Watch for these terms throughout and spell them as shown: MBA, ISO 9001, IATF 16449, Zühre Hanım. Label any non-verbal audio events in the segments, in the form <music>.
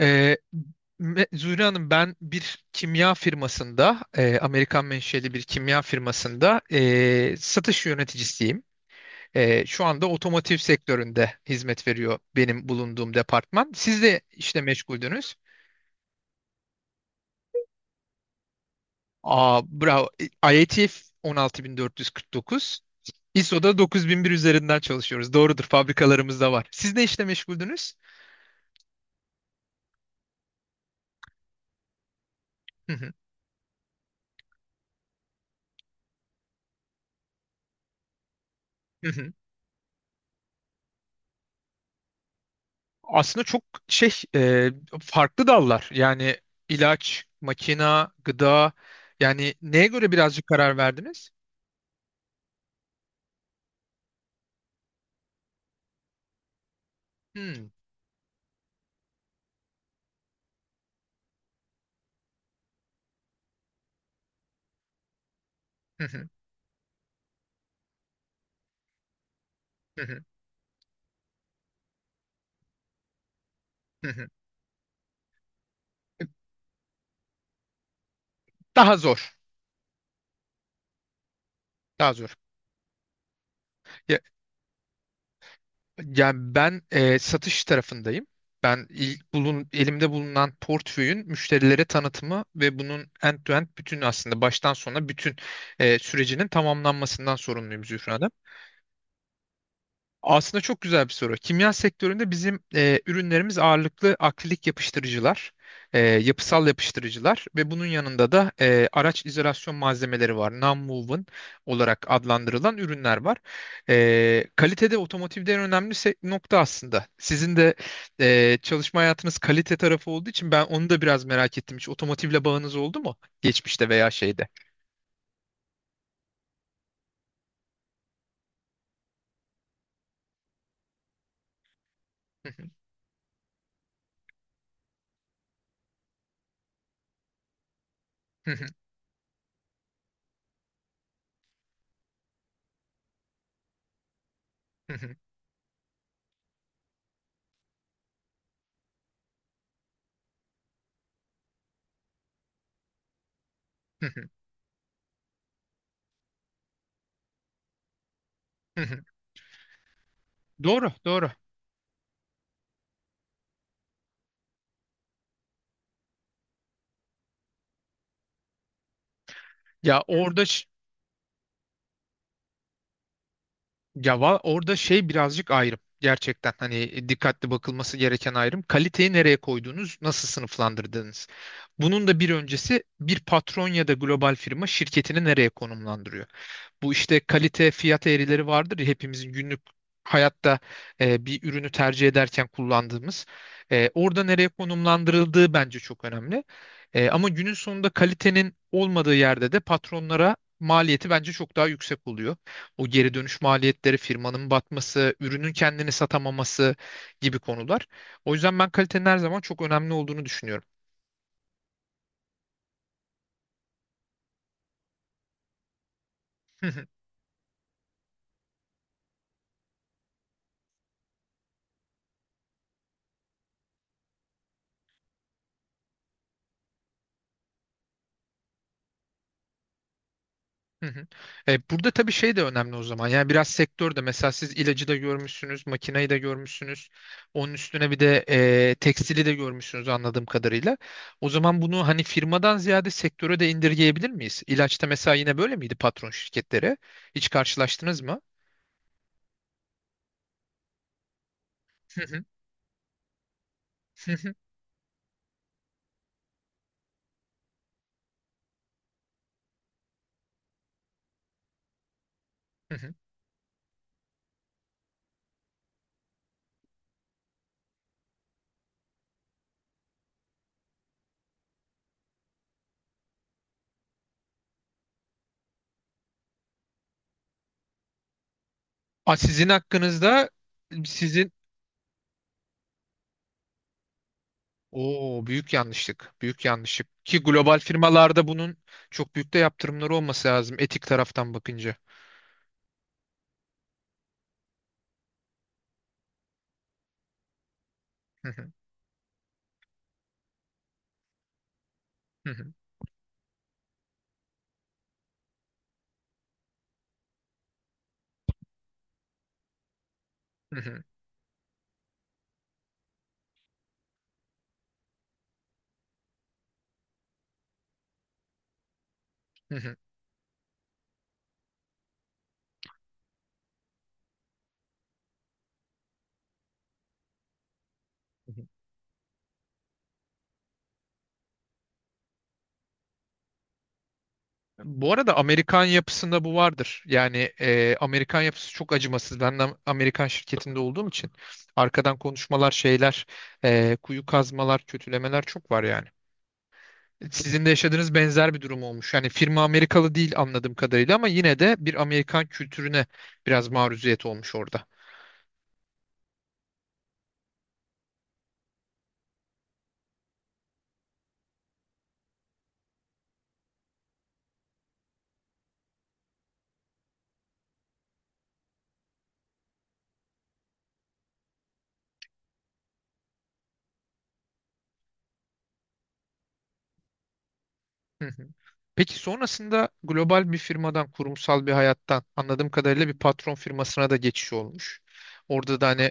Ee, Zühre Hanım, ben bir kimya firmasında Amerikan menşeli bir kimya firmasında satış yöneticisiyim. Şu anda otomotiv sektöründe hizmet veriyor benim bulunduğum departman. Siz de işte meşguldünüz. Aa, bravo. IATF 16449. ISO'da 9001 üzerinden çalışıyoruz. Doğrudur, fabrikalarımız da var. Siz ne işle meşguldünüz? Hı hı. <laughs> Aslında çok şey, farklı dallar, yani ilaç, makina, gıda, yani neye göre birazcık karar verdiniz? Hmm. Hı hı, hı hı, hı hı. Daha zor. Daha zor. Ya, yani ben satış tarafındayım. Ben ilk bulun, elimde bulunan portföyün müşterilere tanıtımı ve bunun end-to-end, bütün, aslında baştan sona bütün sürecinin tamamlanmasından sorumluyum, Zühra. Aslında çok güzel bir soru. Kimya sektöründe bizim ürünlerimiz ağırlıklı akrilik yapıştırıcılar, yapısal yapıştırıcılar ve bunun yanında da araç izolasyon malzemeleri var. Non-woven olarak adlandırılan ürünler var. Kalitede otomotivde en önemli nokta aslında. Sizin de çalışma hayatınız kalite tarafı olduğu için ben onu da biraz merak ettim. Hiç otomotivle bağınız oldu mu? Geçmişte veya şeyde. <laughs> Doğru, doğru. Ya orada Orada şey, birazcık ayrım. Gerçekten hani, dikkatli bakılması gereken ayrım. Kaliteyi nereye koyduğunuz, nasıl sınıflandırdığınız. Bunun da bir öncesi, bir patron ya da global firma şirketini nereye konumlandırıyor? Bu işte kalite fiyat eğrileri vardır ya, hepimizin günlük hayatta bir ürünü tercih ederken kullandığımız. Orada nereye konumlandırıldığı bence çok önemli. Ama günün sonunda kalitenin olmadığı yerde de patronlara maliyeti bence çok daha yüksek oluyor. O geri dönüş maliyetleri, firmanın batması, ürünün kendini satamaması gibi konular. O yüzden ben kalitenin her zaman çok önemli olduğunu düşünüyorum. <laughs> Hı hı. Burada tabii şey de önemli o zaman. Yani biraz sektör de, mesela siz ilacı da görmüşsünüz, makineyi de görmüşsünüz. Onun üstüne bir de tekstili de görmüşsünüz, anladığım kadarıyla. O zaman bunu, hani, firmadan ziyade sektöre de indirgeyebilir miyiz? İlaçta mesela yine böyle miydi patron şirketleri? Hiç karşılaştınız mı? Hı hı, hı hı, hı hı. Aa, sizin hakkınızda. Sizin o büyük yanlışlık, büyük yanlışlık ki global firmalarda bunun çok büyük de yaptırımları olması lazım, etik taraftan bakınca. Hı hı, hı hı. Hı hı, hı hı, hı hı. Bu arada Amerikan yapısında bu vardır. Yani Amerikan yapısı çok acımasız. Ben de Amerikan şirketinde olduğum için arkadan konuşmalar, şeyler, kuyu kazmalar, kötülemeler çok var yani. Sizin de yaşadığınız benzer bir durum olmuş. Yani firma Amerikalı değil anladığım kadarıyla ama yine de bir Amerikan kültürüne biraz maruziyet olmuş orada. Hı hı. Peki sonrasında global bir firmadan, kurumsal bir hayattan anladığım kadarıyla bir patron firmasına da geçiş olmuş. Orada da hani...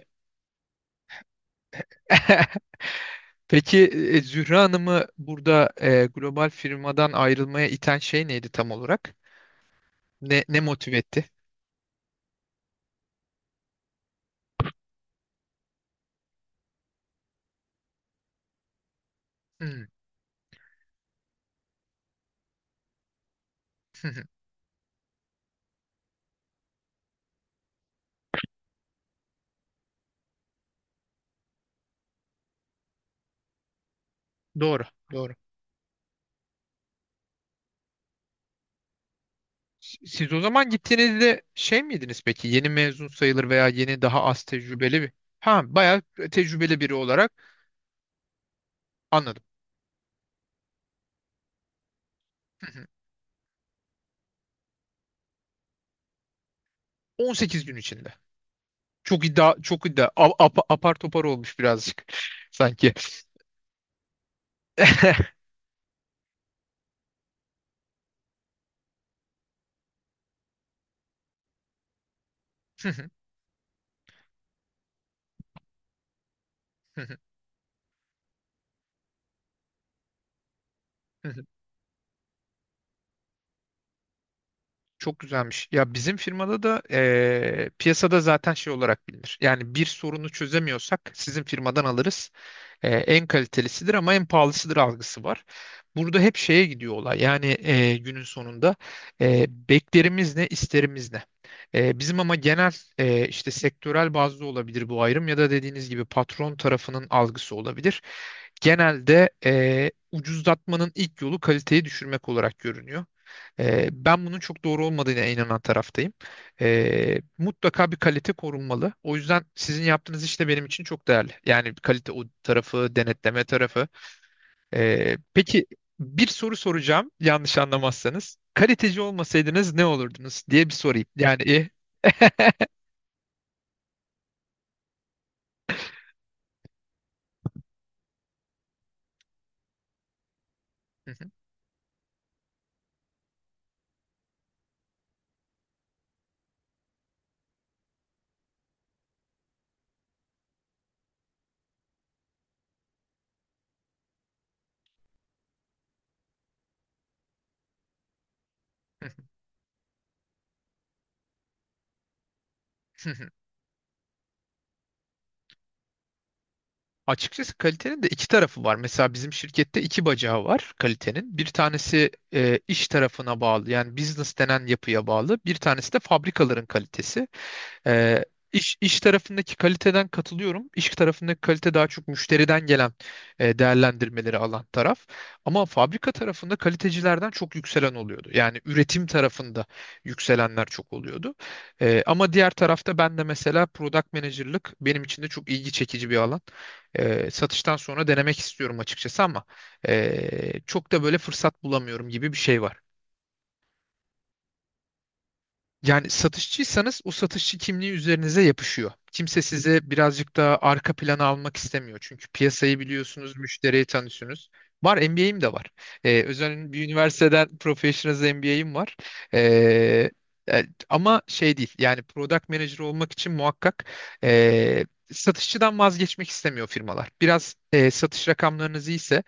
<laughs> Peki, Zühre Hanım'ı burada global firmadan ayrılmaya iten şey neydi tam olarak? Ne motive etti? Hmm, hı hı. Doğru, doğru. Siz o zaman gittiğinizde şey miydiniz peki? Yeni mezun sayılır veya yeni, daha az tecrübeli bir... Ha, bayağı tecrübeli biri olarak, anladım. 18 gün içinde. Çok iddia, çok iddia. Apar topar olmuş birazcık, <laughs> sanki. <laughs> Çok güzelmiş. Ya bizim firmada da piyasada zaten şey olarak bilinir. Yani bir sorunu çözemiyorsak sizin firmadan alırız. En kalitelisidir ama en pahalısıdır algısı var. Burada hep şeye gidiyor olay. Yani günün sonunda beklerimiz ne, isterimiz ne? Bizim ama genel işte sektörel bazlı olabilir bu ayrım, ya da dediğiniz gibi patron tarafının algısı olabilir, genelde ucuzlatmanın ilk yolu kaliteyi düşürmek olarak görünüyor. Ben bunun çok doğru olmadığına inanan taraftayım. Mutlaka bir kalite korunmalı. O yüzden sizin yaptığınız iş de benim için çok değerli. Yani bir kalite, o tarafı, denetleme tarafı. Peki, bir soru soracağım, yanlış anlamazsanız. Kaliteci olmasaydınız ne olurdunuz, diye bir sorayım. Yani, <laughs> Hı hı. <laughs> Açıkçası kalitenin de iki tarafı var. Mesela bizim şirkette iki bacağı var kalitenin. Bir tanesi iş tarafına bağlı, yani business denen yapıya bağlı. Bir tanesi de fabrikaların kalitesi. Ee, iş, iş tarafındaki kaliteden katılıyorum. İş tarafındaki kalite daha çok müşteriden gelen değerlendirmeleri alan taraf. Ama fabrika tarafında kalitecilerden çok yükselen oluyordu. Yani üretim tarafında yükselenler çok oluyordu. Ama diğer tarafta ben de mesela product manager'lık benim için de çok ilgi çekici bir alan. Satıştan sonra denemek istiyorum açıkçası ama çok da böyle fırsat bulamıyorum gibi bir şey var. Yani satışçıysanız o satışçı kimliği üzerinize yapışıyor. Kimse size birazcık daha arka plana almak istemiyor. Çünkü piyasayı biliyorsunuz, müşteriyi tanıyorsunuz. Var, MBA'im de var. Özel bir üniversiteden Professionals MBA'im var. Ee, Ama şey değil, yani product manager olmak için muhakkak e, satışçıdan vazgeçmek istemiyor firmalar. Biraz satış rakamlarınız iyiyse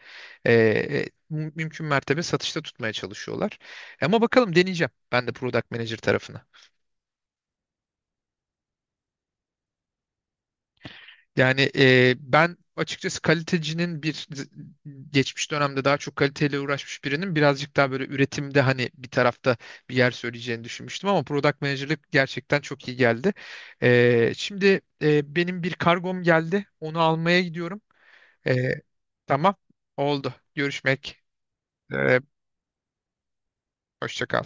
mümkün mertebe satışta tutmaya çalışıyorlar. Ama bakalım, deneyeceğim ben de product manager tarafına. Yani ben açıkçası kalitecinin bir, geçmiş dönemde daha çok kaliteyle uğraşmış birinin, birazcık daha böyle üretimde hani bir tarafta bir yer söyleyeceğini düşünmüştüm ama product manager'lık gerçekten çok iyi geldi. Şimdi benim bir kargom geldi. Onu almaya gidiyorum. E, tamam. Oldu. Görüşmek. E, Hoşça kal.